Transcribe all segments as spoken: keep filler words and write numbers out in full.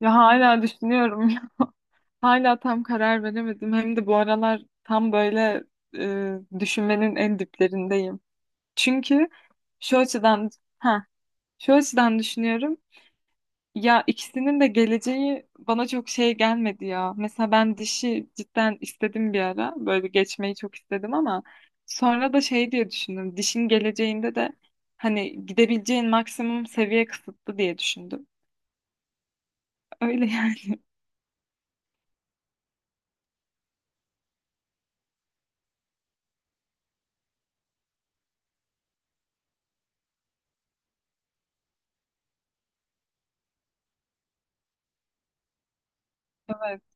Ya hala düşünüyorum. Hala tam karar veremedim. Hem de bu aralar tam böyle e, düşünmenin en diplerindeyim. Çünkü şu açıdan ha şu açıdan düşünüyorum. Ya ikisinin de geleceği bana çok şey gelmedi ya. Mesela ben dişi cidden istedim bir ara. Böyle geçmeyi çok istedim ama sonra da şey diye düşündüm. Dişin geleceğinde de hani gidebileceğin maksimum seviye kısıtlı diye düşündüm. Öyle yani. Evet.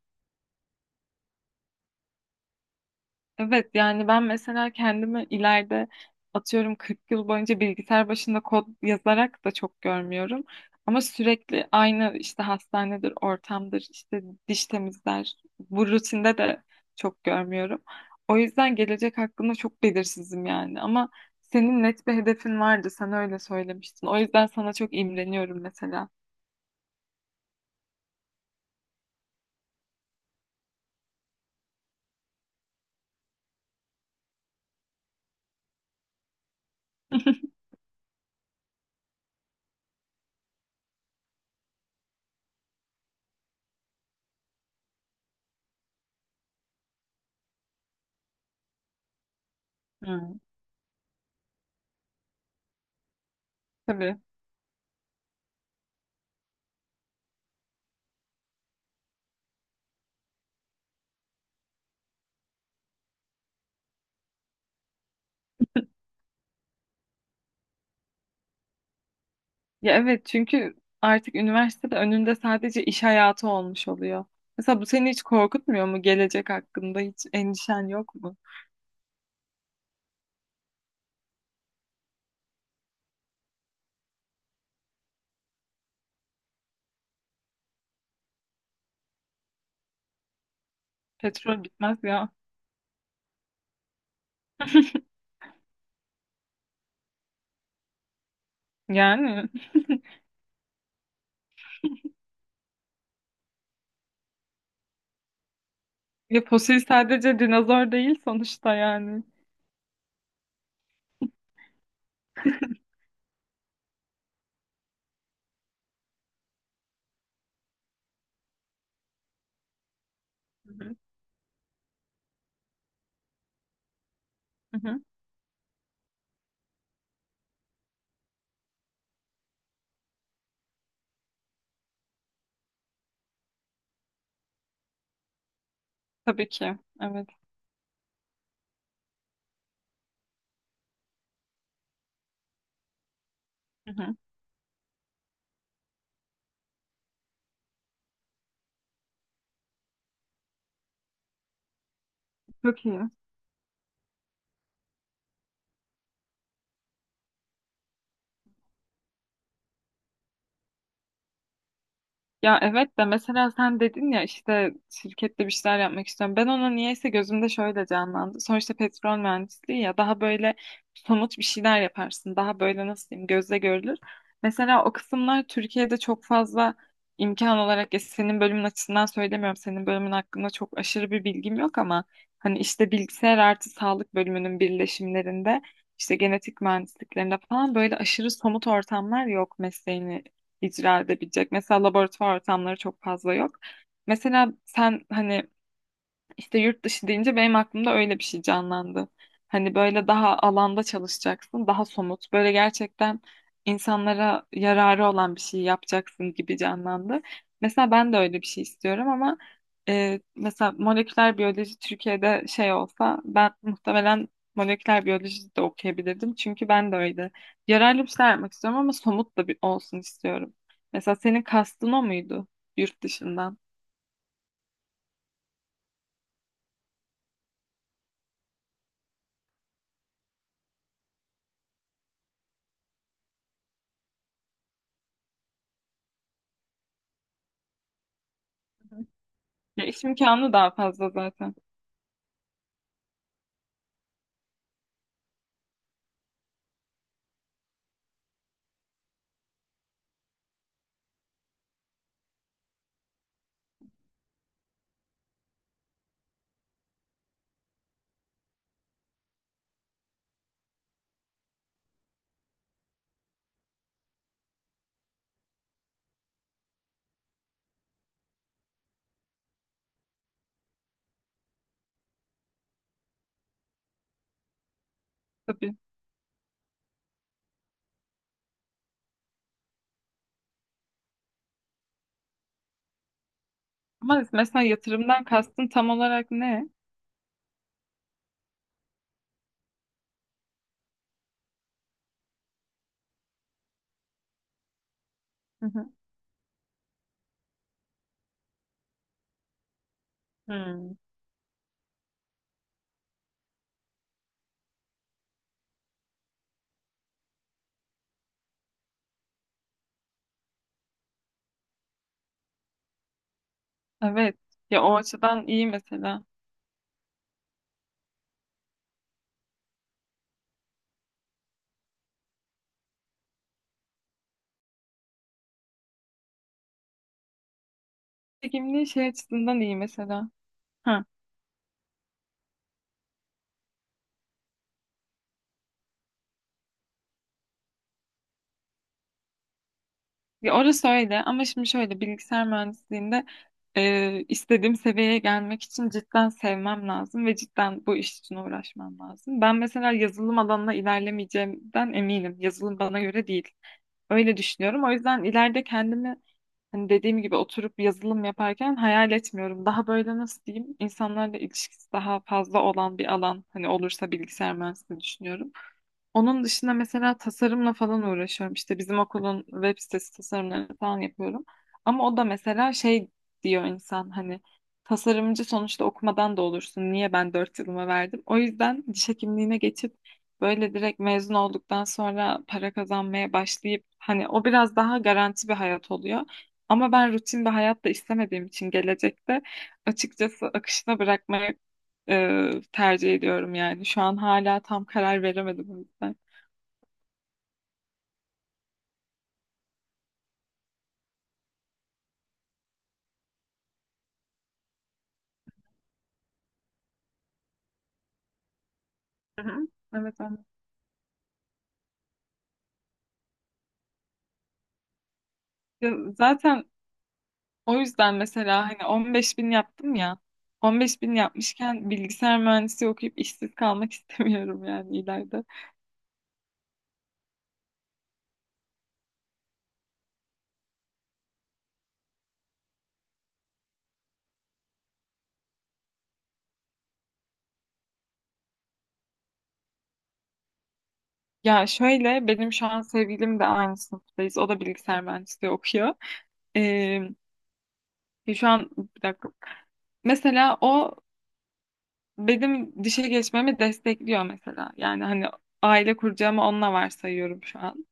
Evet yani ben mesela kendimi ileride atıyorum kırk yıl boyunca bilgisayar başında kod yazarak da çok görmüyorum. Ama sürekli aynı işte hastanedir, ortamdır, işte diş temizler. Bu rutinde de çok görmüyorum. O yüzden gelecek hakkında çok belirsizim yani. Ama senin net bir hedefin vardı. Sen öyle söylemiştin. O yüzden sana çok imreniyorum mesela. Hmm. Tabii. Ya evet çünkü artık üniversitede önünde sadece iş hayatı olmuş oluyor. Mesela bu seni hiç korkutmuyor mu? Gelecek hakkında hiç endişen yok mu? Petrol bitmez ya. Yani ya fosil sadece dinozor değil sonuçta yani. Hı hı. Hı hı. Tabii ki. Evet. Hı hı. Çok iyi. Ya evet de mesela sen dedin ya işte şirkette bir şeyler yapmak istiyorum. Ben ona niyeyse gözümde şöyle canlandı. Sonuçta petrol mühendisliği ya daha böyle somut bir şeyler yaparsın. Daha böyle nasıl diyeyim gözle görülür. Mesela o kısımlar Türkiye'de çok fazla imkan olarak ya senin bölümün açısından söylemiyorum. Senin bölümün hakkında çok aşırı bir bilgim yok ama hani işte bilgisayar artı sağlık bölümünün birleşimlerinde işte genetik mühendisliklerinde falan böyle aşırı somut ortamlar yok mesleğini icra edebilecek. Mesela laboratuvar ortamları çok fazla yok. Mesela sen hani işte yurt dışı deyince benim aklımda öyle bir şey canlandı. Hani böyle daha alanda çalışacaksın, daha somut, böyle gerçekten insanlara yararı olan bir şey yapacaksın gibi canlandı. Mesela ben de öyle bir şey istiyorum ama e, mesela moleküler biyoloji Türkiye'de şey olsa ben muhtemelen moleküler biyoloji de okuyabilirdim. Çünkü ben de öyle yararlı bir şeyler yapmak istiyorum ama somut da bir olsun istiyorum. Mesela senin kastın o muydu yurt dışından? Ya iş imkanı daha fazla zaten. Tabii. Ama mesela yatırımdan kastın tam olarak ne? Hı hı. Hmm. Evet. Ya o açıdan iyi mesela. Çekimliği şey açısından iyi mesela. Hı. Ya orası öyle ama şimdi şöyle bilgisayar mühendisliğinde e, istediğim seviyeye gelmek için cidden sevmem lazım ve cidden bu iş için uğraşmam lazım. Ben mesela yazılım alanına ilerlemeyeceğimden eminim. Yazılım bana göre değil. Öyle düşünüyorum. O yüzden ileride kendimi hani dediğim gibi oturup yazılım yaparken hayal etmiyorum. Daha böyle nasıl diyeyim insanlarla ilişkisi daha fazla olan bir alan hani olursa bilgisayar mühendisliği düşünüyorum. Onun dışında mesela tasarımla falan uğraşıyorum. İşte bizim okulun web sitesi tasarımlarını falan yapıyorum. Ama o da mesela şey diyor insan hani tasarımcı sonuçta okumadan da olursun. Niye ben dört yılımı verdim? O yüzden diş hekimliğine geçip böyle direkt mezun olduktan sonra para kazanmaya başlayıp hani o biraz daha garanti bir hayat oluyor. Ama ben rutin bir hayat da istemediğim için gelecekte açıkçası akışına bırakmaya e, tercih ediyorum yani. Şu an hala tam karar veremedim o yüzden. Hı hı. Evet anladım. Ya Zaten o yüzden mesela hani on beş bin yaptım ya on beş bin yapmışken bilgisayar mühendisi okuyup işsiz kalmak istemiyorum yani ileride. Ya şöyle benim şu an sevgilim de aynı sınıftayız. O da bilgisayar mühendisliği okuyor. Ee, şu an bir dakika. Mesela o benim dişe geçmemi destekliyor mesela. Yani hani aile kuracağımı onunla varsayıyorum şu an.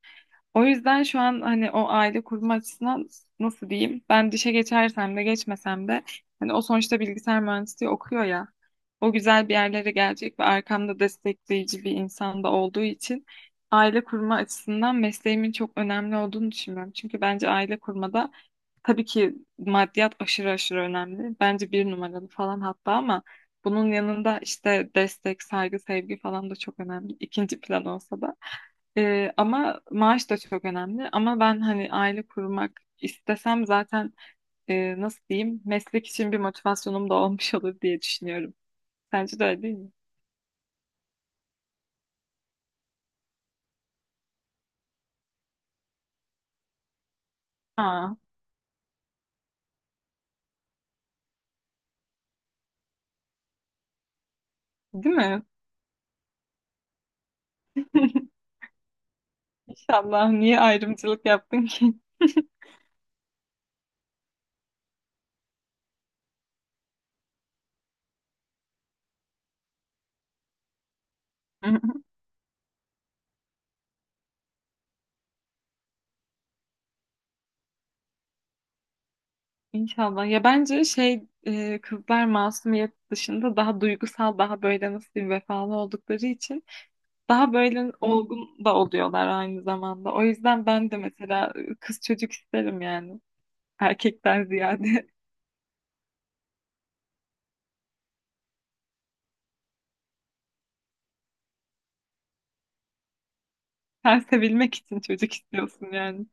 O yüzden şu an hani o aile kurma açısından nasıl diyeyim? Ben dişe geçersem de geçmesem de hani o sonuçta bilgisayar mühendisliği okuyor ya. O güzel bir yerlere gelecek ve arkamda destekleyici bir insan da olduğu için aile kurma açısından mesleğimin çok önemli olduğunu düşünüyorum. Çünkü bence aile kurmada tabii ki maddiyat aşırı aşırı önemli. Bence bir numaralı falan hatta ama bunun yanında işte destek, saygı, sevgi falan da çok önemli. İkinci plan olsa da. Ee, ama maaş da çok önemli. Ama ben hani aile kurmak istesem zaten e, nasıl diyeyim meslek için bir motivasyonum da olmuş olur diye düşünüyorum. Sence de öyle değil mi? Aa, değil mi? İnşallah. Niye ayrımcılık yaptın ki? İnşallah. Ya bence şey e, kızlar masumiyet dışında daha duygusal, daha böyle nasıl diyeyim vefalı oldukları için daha böyle olgun da oluyorlar aynı zamanda. O yüzden ben de mesela e, kız çocuk isterim yani. Erkekten ziyade sen sevilmek için çocuk istiyorsun yani.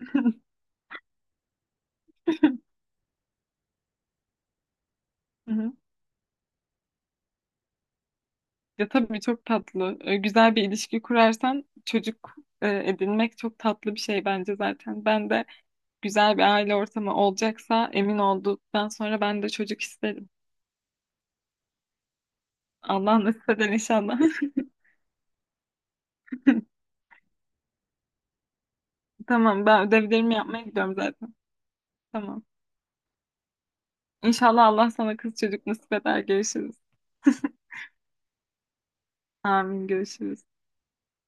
Hı hı. Ya tabii çok tatlı. Ee, Güzel bir ilişki kurarsan çocuk e, edinmek çok tatlı bir şey bence zaten. Ben de güzel bir aile ortamı olacaksa emin olduktan sonra ben de çocuk isterim. Allah nasip eder inşallah. Tamam ben ödevlerimi yapmaya gidiyorum zaten. Tamam. İnşallah Allah sana kız çocuk nasip eder. Görüşürüz. Amin görüşürüz.